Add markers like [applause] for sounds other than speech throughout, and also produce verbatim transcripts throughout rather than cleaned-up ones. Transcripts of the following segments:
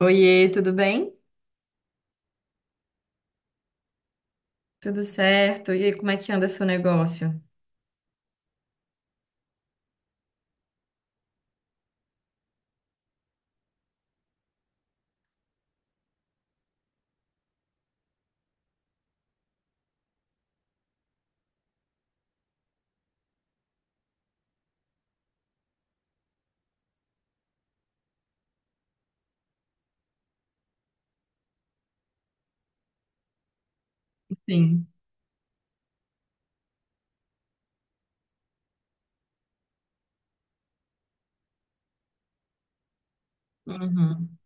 Oiê, tudo bem? Tudo certo? E aí, como é que anda seu negócio? Sim. Uhum.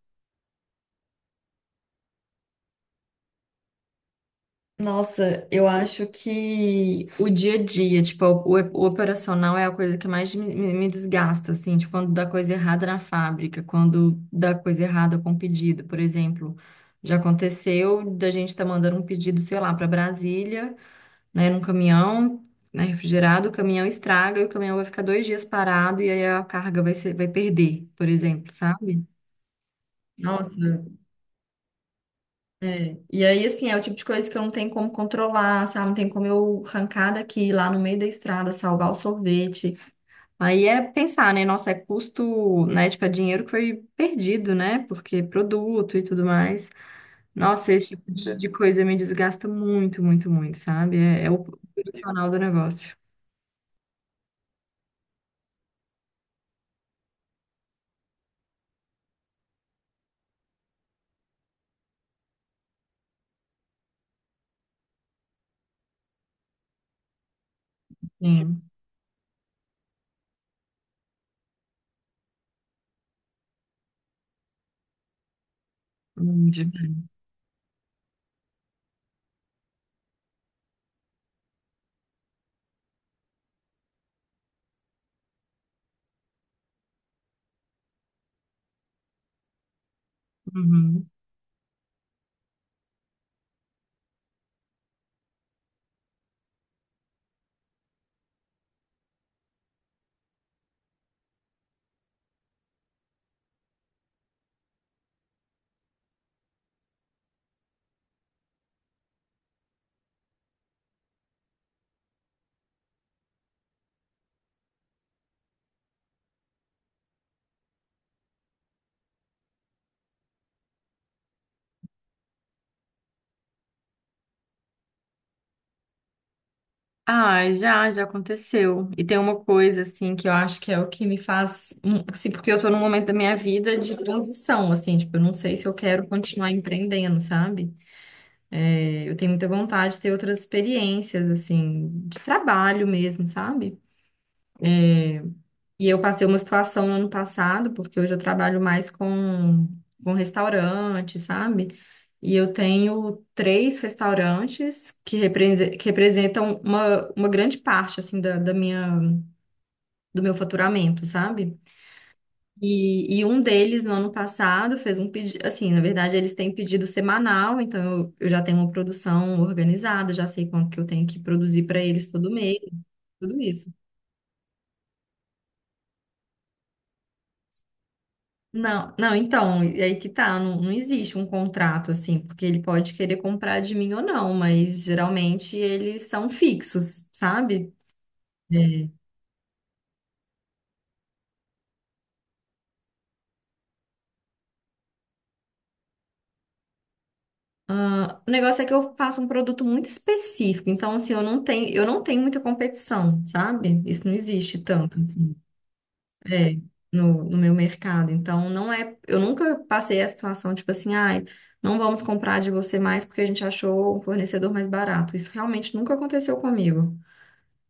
Nossa, eu acho que o dia a dia, tipo, o, o operacional é a coisa que mais me, me- me desgasta, assim, tipo, quando dá coisa errada na fábrica, quando dá coisa errada com pedido, por exemplo. Já aconteceu da gente estar mandando um pedido, sei lá, para Brasília, né, num caminhão, né, refrigerado, o caminhão estraga e o caminhão vai ficar dois dias parado e aí a carga vai ser, vai perder, por exemplo, sabe? Nossa, e aí assim, é o tipo de coisa que eu não tenho como controlar, sabe? Não tem como eu arrancar daqui, lá no meio da estrada, salvar o sorvete. Aí é pensar, né? Nossa, é custo, né? Tipo, é dinheiro que foi perdido, né? Porque produto e tudo mais. Nossa, esse tipo de de coisa me desgasta muito, muito, muito, sabe? É, é o profissional do negócio. Sim, entendi. Ah, já, já aconteceu. E tem uma coisa, assim, que eu acho que é o que me faz. hum, Assim, porque eu tô num momento da minha vida de transição, assim, tipo, eu não sei se eu quero continuar empreendendo, sabe? É, eu tenho muita vontade de ter outras experiências, assim, de trabalho mesmo, sabe? E eu passei uma situação no ano passado, porque hoje eu trabalho mais com, com restaurante, sabe? E eu tenho três restaurantes que, represe- que representam uma, uma grande parte assim da, da minha do meu faturamento, sabe? E, e um deles, no ano passado, fez um pedido. Assim, na verdade, eles têm pedido semanal, então eu, eu já tenho uma produção organizada, já sei quanto que eu tenho que produzir para eles todo mês, tudo isso. Não, não, então, e aí que tá, não, não existe um contrato assim, porque ele pode querer comprar de mim ou não, mas geralmente eles são fixos, sabe? É. Ah, o negócio é que eu faço um produto muito específico, então assim, eu não tenho, eu não tenho muita competição, sabe? Isso não existe tanto assim, é, no, no meu mercado. Então não é, eu nunca passei a situação tipo assim, ai, não vamos comprar de você mais porque a gente achou um fornecedor mais barato. Isso realmente nunca aconteceu comigo.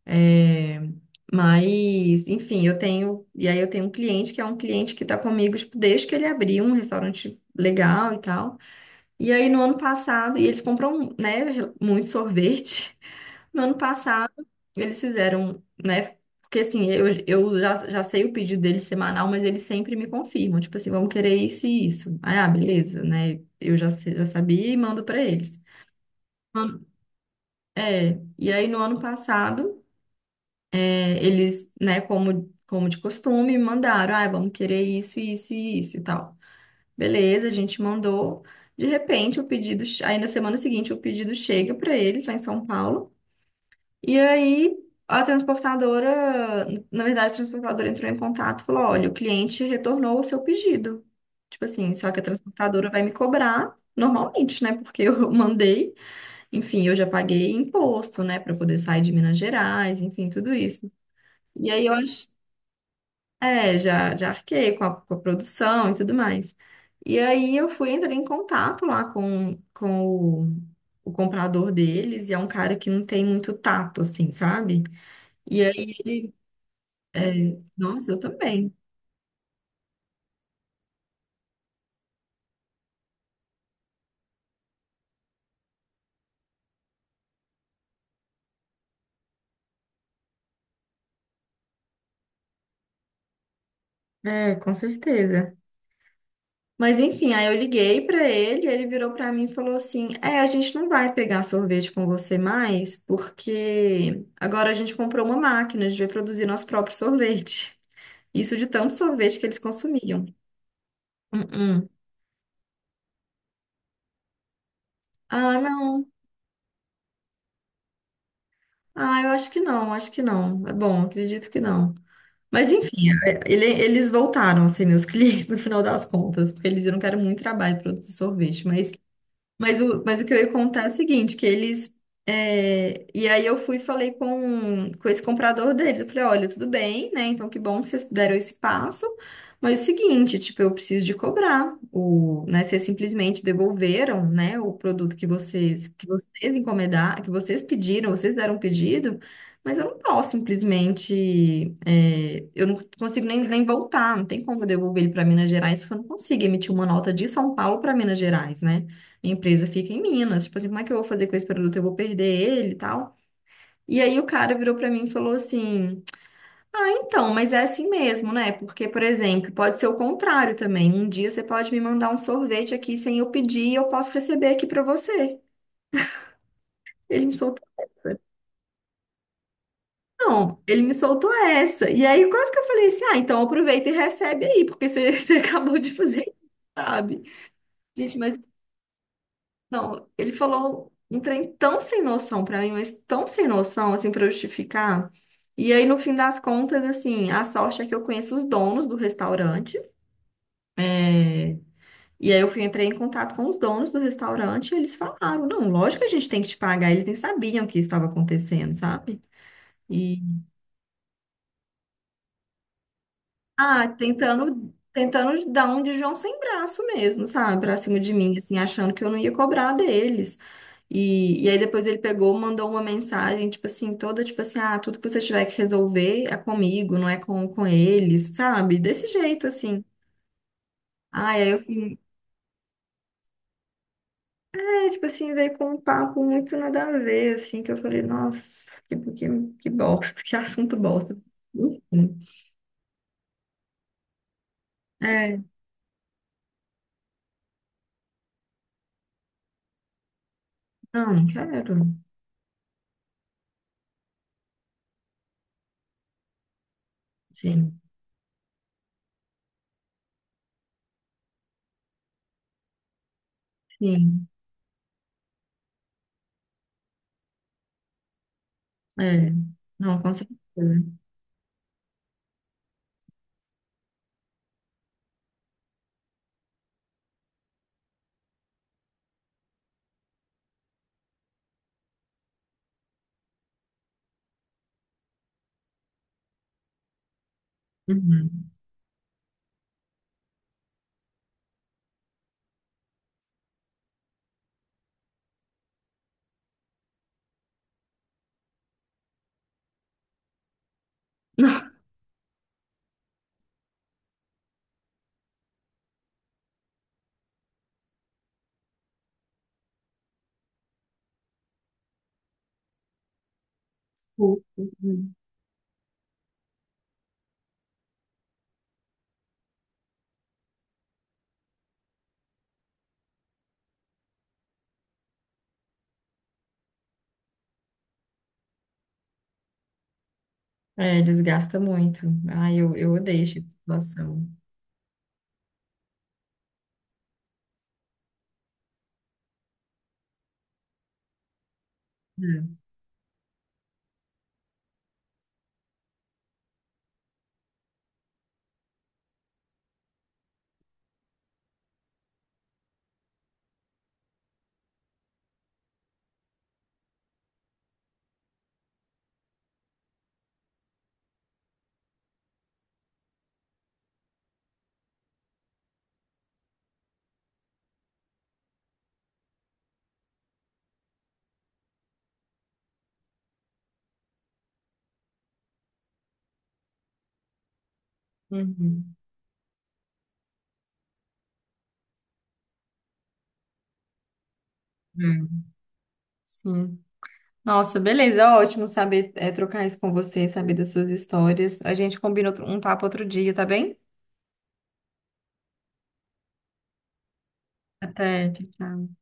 É, mas, enfim, eu tenho, e aí eu tenho um cliente que é um cliente que está comigo, tipo, desde que ele abriu um restaurante legal e tal. E aí, no ano passado, e eles compram, né, muito sorvete. [laughs] No ano passado, eles fizeram, né, porque assim, eu, eu já, já sei o pedido deles semanal, mas eles sempre me confirmam, tipo assim, vamos querer isso e isso. Aí, ah, beleza, né, eu já, sei- já sabia e mando pra eles. Mano, é, e aí no ano passado, é, eles, né, como, como de costume, mandaram, ah, vamos querer isso, isso e isso e tal. Beleza, a gente mandou. De repente, o pedido, che- aí na semana seguinte, o pedido chega para eles lá em São Paulo. E aí a transportadora, na verdade, a transportadora entrou em contato e falou: olha, o cliente retornou o seu pedido. Tipo assim, só que a transportadora vai me cobrar normalmente, né? Porque eu [laughs] mandei, enfim, eu já paguei imposto, né, para poder sair de Minas Gerais, enfim, tudo isso. E aí eu acho é, já, já arquei com a, com a produção e tudo mais. E aí eu fui entrar em contato lá com, com o, o comprador deles, e é um cara que não tem muito tato, assim, sabe? E aí ele, nossa, eu também. É, com certeza. Mas enfim, aí eu liguei pra ele, ele virou pra mim e falou assim: "É, a gente não vai pegar sorvete com você mais, porque agora a gente comprou uma máquina, a gente vai produzir nosso próprio sorvete." Isso de tanto sorvete que eles consumiam. Uhum. Ah, não. Ah, eu acho que não, acho que não. É bom, acredito que não. Mas enfim, é, ele- eles voltaram a ser meus [laughs] clientes no final das contas, porque eles viram que era muito trabalho produzir sorvete. Mas Mas o, mas o que eu ia contar é o seguinte, que eles... é, E aí eu fui e falei com, com esse comprador deles. Eu falei, olha, tudo bem, né? Então que bom que vocês deram esse passo. Mas é o seguinte, tipo, eu preciso de cobrar. O, né, vocês simplesmente devolveram, né, o produto que vocês, que vocês encomendaram, que vocês pediram, vocês deram um pedido, mas eu não posso simplesmente... é, eu não consigo nem, nem voltar, não tem como eu devolver ele para Minas Gerais, porque eu não consigo emitir uma nota de São Paulo para Minas Gerais, né? A empresa fica em Minas. Tipo assim, como é que eu vou fazer com esse produto? Eu vou perder ele e tal. E aí o cara virou pra mim e falou assim: ah, então, mas é assim mesmo, né? Porque, por exemplo, pode ser o contrário também. Um dia você pode me mandar um sorvete aqui sem eu pedir e eu posso receber aqui pra você. Ele me soltou essa. Não, ele me soltou essa. E aí quase que eu falei assim: ah, então aproveita e recebe aí, porque você, [laughs] você acabou de fazer, isso, sabe? Gente, mas não, ele falou um trem tão sem noção pra mim, mas tão sem noção, assim, pra justificar. E aí, no fim das contas, assim, a sorte é que eu conheço os donos do restaurante. É, e aí eu fui, entrei em contato com os donos do restaurante e eles falaram, não, lógico que a gente tem que te pagar. Eles nem sabiam o que estava acontecendo, sabe? Ah, tentando, tentando dar um de João sem braço mesmo, sabe? Pra cima de mim, assim, achando que eu não ia cobrar deles. E, e aí depois ele pegou, mandou uma mensagem, tipo assim, toda, tipo assim, ah, tudo que você tiver que resolver é comigo, não é com, com eles, sabe? Desse jeito, assim. Ah, e aí eu fui, é, tipo assim, veio com um papo muito nada a ver, assim, que eu falei, nossa, que, que, que bosta, [laughs] que assunto bosta. Enfim. É, não, não quero. Sim, sim, é. Não, com certeza. Uhum. Uhum. Uhum. É, desgasta muito. Ai, eu, eu odeio essa situação. É. Uhum. É. Sim. Nossa, beleza, ótimo saber é, trocar isso com você, saber das suas histórias. A gente combina outro- um papo outro dia, tá bem? Até, tchau. Tchau.